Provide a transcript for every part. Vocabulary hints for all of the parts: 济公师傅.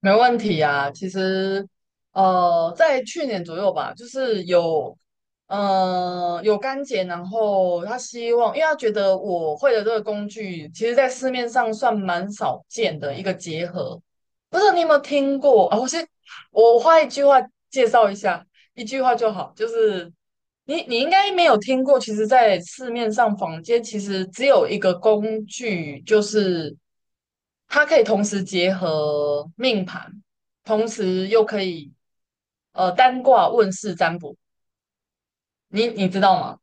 没问题啊，其实，在去年左右吧，就是有，有干姐，然后她希望，因为她觉得我会的这个工具，其实在市面上算蛮少见的一个结合。不知道你有没有听过啊？我先，我花一句话介绍一下，一句话就好，就是你应该没有听过，其实，在市面上坊间其实只有一个工具，就是它可以同时结合命盘，同时又可以单卦问世占卜。你知道吗？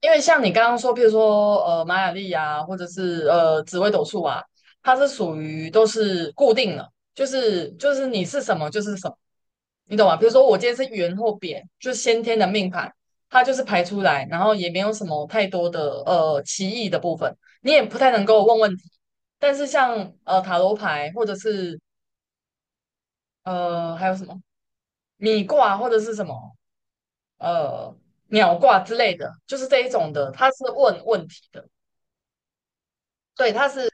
因为像你刚刚说，譬如说玛雅历啊，或者是紫微斗数啊，它是属于都是固定的，就是你是什么就是什么，你懂吗？比如说我今天是圆或扁，就是先天的命盘，它就是排出来，然后也没有什么太多的歧义的部分，你也不太能够问问题。但是像塔罗牌或者是还有什么米卦或者是什么呃鸟卦之类的，就是这一种的，它是问问题的。对，它是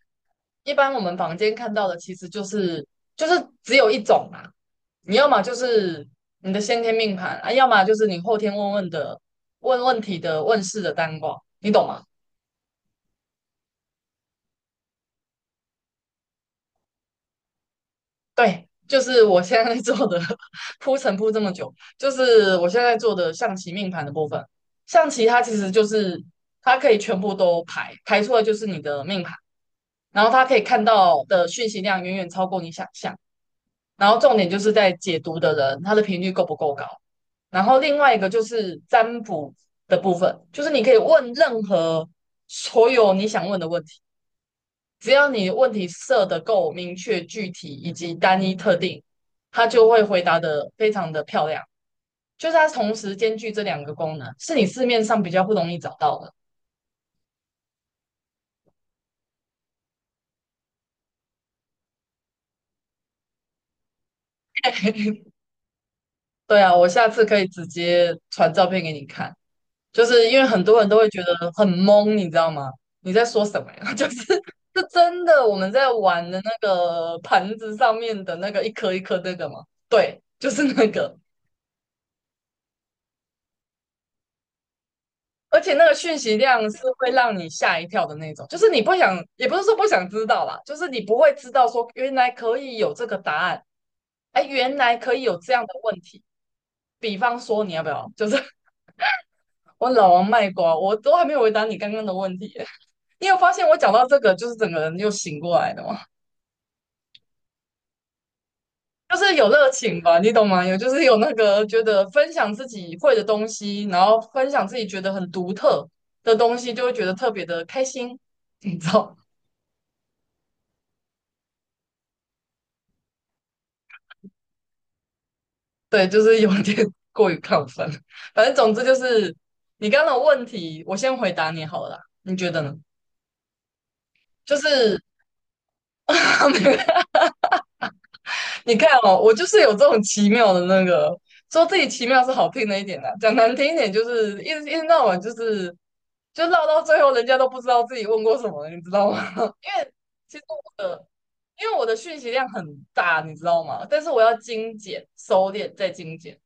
一般我们房间看到的，其实就是只有一种嘛。你要么就是你的先天命盘啊，要么就是你后天问问的问世的单卦，你懂吗？对，就是我现在在做的 铺陈铺这么久，就是我现在在做的象棋命盘的部分。象棋它其实就是它可以全部都排出来，就是你的命盘，然后它可以看到的讯息量远远超过你想象。然后重点就是在解读的人，他的频率够不够高。然后另外一个就是占卜的部分，就是你可以问任何所有你想问的问题，只要你问题设的够明确、具体以及单一特定，他就会回答的非常的漂亮。就是它同时兼具这两个功能，是你市面上比较不容易找到的。对啊，我下次可以直接传照片给你看。就是因为很多人都会觉得很懵，你知道吗？你在说什么呀？就是是真的我们在玩的那个盘子上面的那个一颗一颗那个吗？对，就是那个，而且那个讯息量是会让你吓一跳的那种，就是你不想，也不是说不想知道啦，就是你不会知道说原来可以有这个答案，哎，原来可以有这样的问题。比方说，你要不要？就是 我老王卖瓜，我都还没有回答你刚刚的问题。你有发现我讲到这个，就是整个人又醒过来的吗？就是有热情吧，你懂吗？有就是有那个觉得分享自己会的东西，然后分享自己觉得很独特的东西，就会觉得特别的开心，你知道？对，就是有点 过于亢奋。反正总之就是你刚刚的问题，我先回答你好了啦你觉得呢？就是 你看哦，我就是有这种奇妙的那个，说自己奇妙是好听的一点的，讲难听一点就是一直闹完，就是就闹到最后，人家都不知道自己问过什么了，你知道吗？因为其实我的，因为我的讯息量很大，你知道吗？但是我要精简、收敛再精简，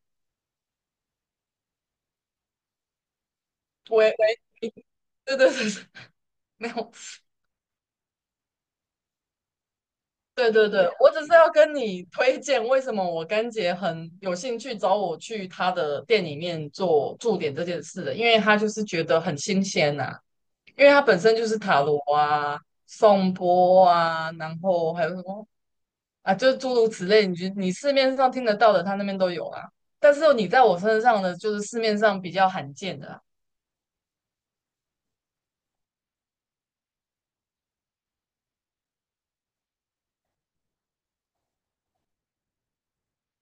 喂喂，对对对，对没有，对对对，我只是要跟你推荐为什么我干姐很有兴趣找我去她的店里面做驻点这件事的，因为她就是觉得很新鲜呐、因为它本身就是塔罗啊、颂钵啊，然后还有什么啊，就是诸如此类，你就你市面上听得到的，他那边都有啊。但是你在我身上的，就是市面上比较罕见的啊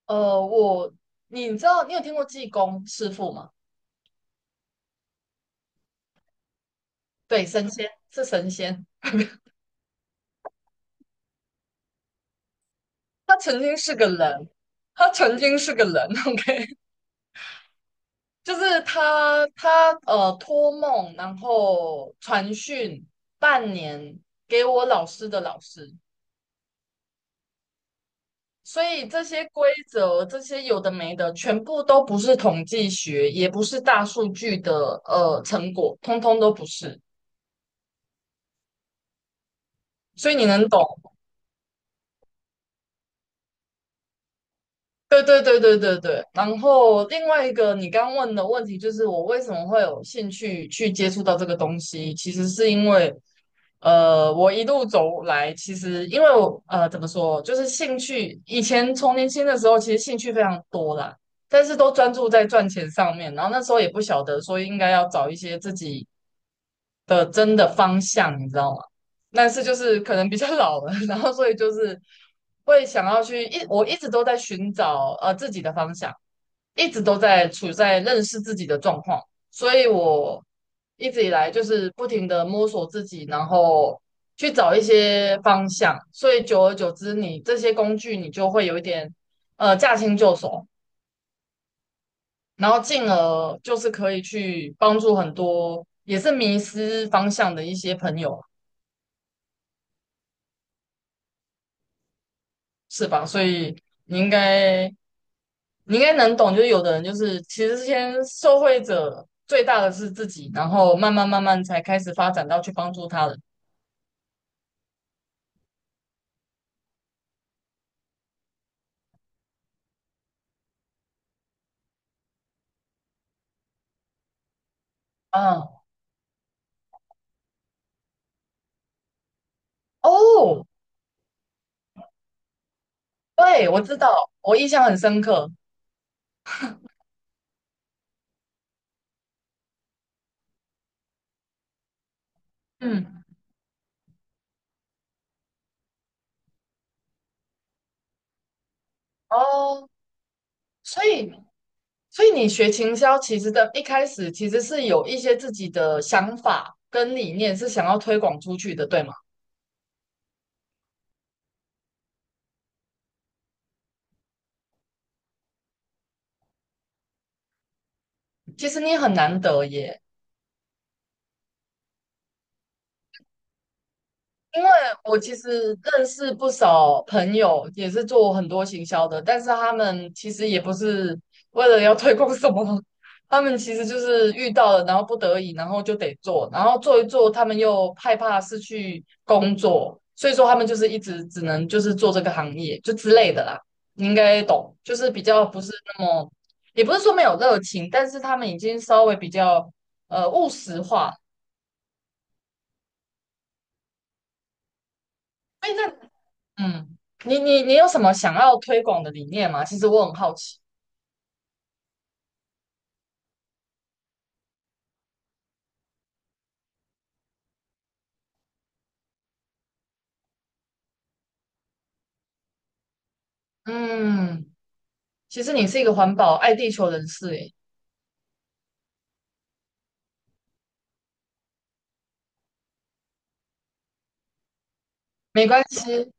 我你知道你有听过济公师傅吗？对，神仙是神仙，他曾经是个人，他曾经是个人，OK，就是他托梦，然后传讯半年给我老师的老师。所以这些规则，这些有的没的，全部都不是统计学，也不是大数据的成果，通通都不是。所以你能懂？对对对对对对，然后另外一个你刚问的问题就是我为什么会有兴趣去接触到这个东西，其实是因为，我一路走来，其实因为我怎么说，就是兴趣，以前从年轻的时候其实兴趣非常多啦，但是都专注在赚钱上面，然后那时候也不晓得说应该要找一些自己。的真的方向，你知道吗？但是就是可能比较老了，然后所以就是会想要去一，我一直都在寻找自己的方向，一直都在处在认识自己的状况，所以我一直以来就是不停的摸索自己，然后去找一些方向，所以久而久之你，这些工具你就会有一点驾轻就熟，然后进而就是可以去帮助很多也是迷失方向的一些朋友。是吧？所以你应该你应该能懂，就是有的人就是其实先受惠者最大的是自己，然后慢慢慢慢才开始发展到去帮助他人。嗯，哦，对，我知道，我印象很深刻。嗯，哦，所以所以你学行销，其实的一开始其实是有一些自己的想法跟理念是想要推广出去的，对吗？其实你很难得耶。我其实认识不少朋友，也是做很多行销的，但是他们其实也不是为了要推广什么，他们其实就是遇到了，然后不得已，然后就得做，然后做一做，他们又害怕失去工作，所以说他们就是一直只能就是做这个行业就之类的啦，你应该懂，就是比较不是那么，也不是说没有热情，但是他们已经稍微比较务实化。哎，那嗯，你有什么想要推广的理念吗？其实我很好奇。嗯，其实你是一个环保爱地球人士，诶，没关系，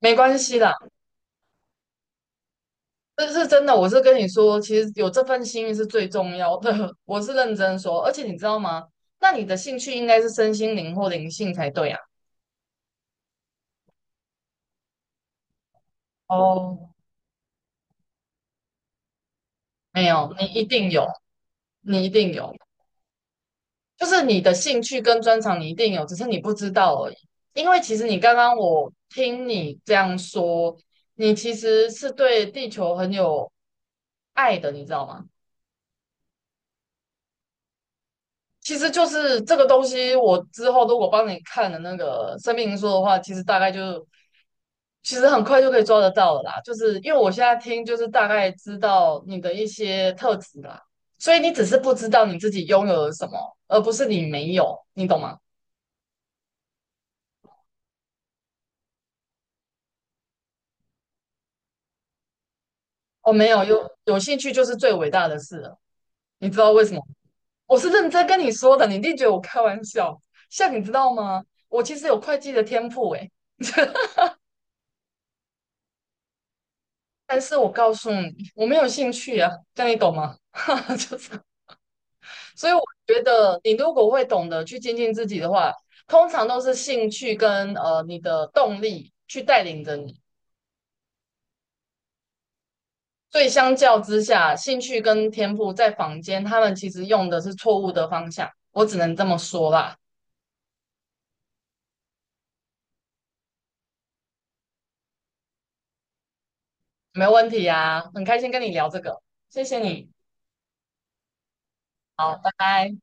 没关系啦，这是真的。我是跟你说，其实有这份心是最重要的，我是认真说。而且你知道吗？那你的兴趣应该是身心灵或灵性才对啊。哦，没有，你一定有，你一定有。就是你的兴趣跟专长你一定有，只是你不知道而已。因为其实你刚刚我听你这样说，你其实是对地球很有爱的，你知道吗？其实就是这个东西，我之后如果帮你看了那个生命灵数的话，其实很快就可以抓得到了啦。就是因为我现在听，就是大概知道你的一些特质啦，所以你只是不知道你自己拥有了什么，而不是你没有，你懂吗？我没有，有兴趣就是最伟大的事了。你知道为什么？我是认真跟你说的，你一定觉得我开玩笑。像你知道吗？我其实有会计的天赋诶，但是我告诉你，我没有兴趣啊，这样你懂吗？哈哈，就是，所以我觉得你如果会懂得去精进自己的话，通常都是兴趣跟你的动力去带领着你。所以相较之下，兴趣跟天赋在坊间他们其实用的是错误的方向，我只能这么说啦。没问题啊，很开心跟你聊这个，谢谢你，好，拜拜。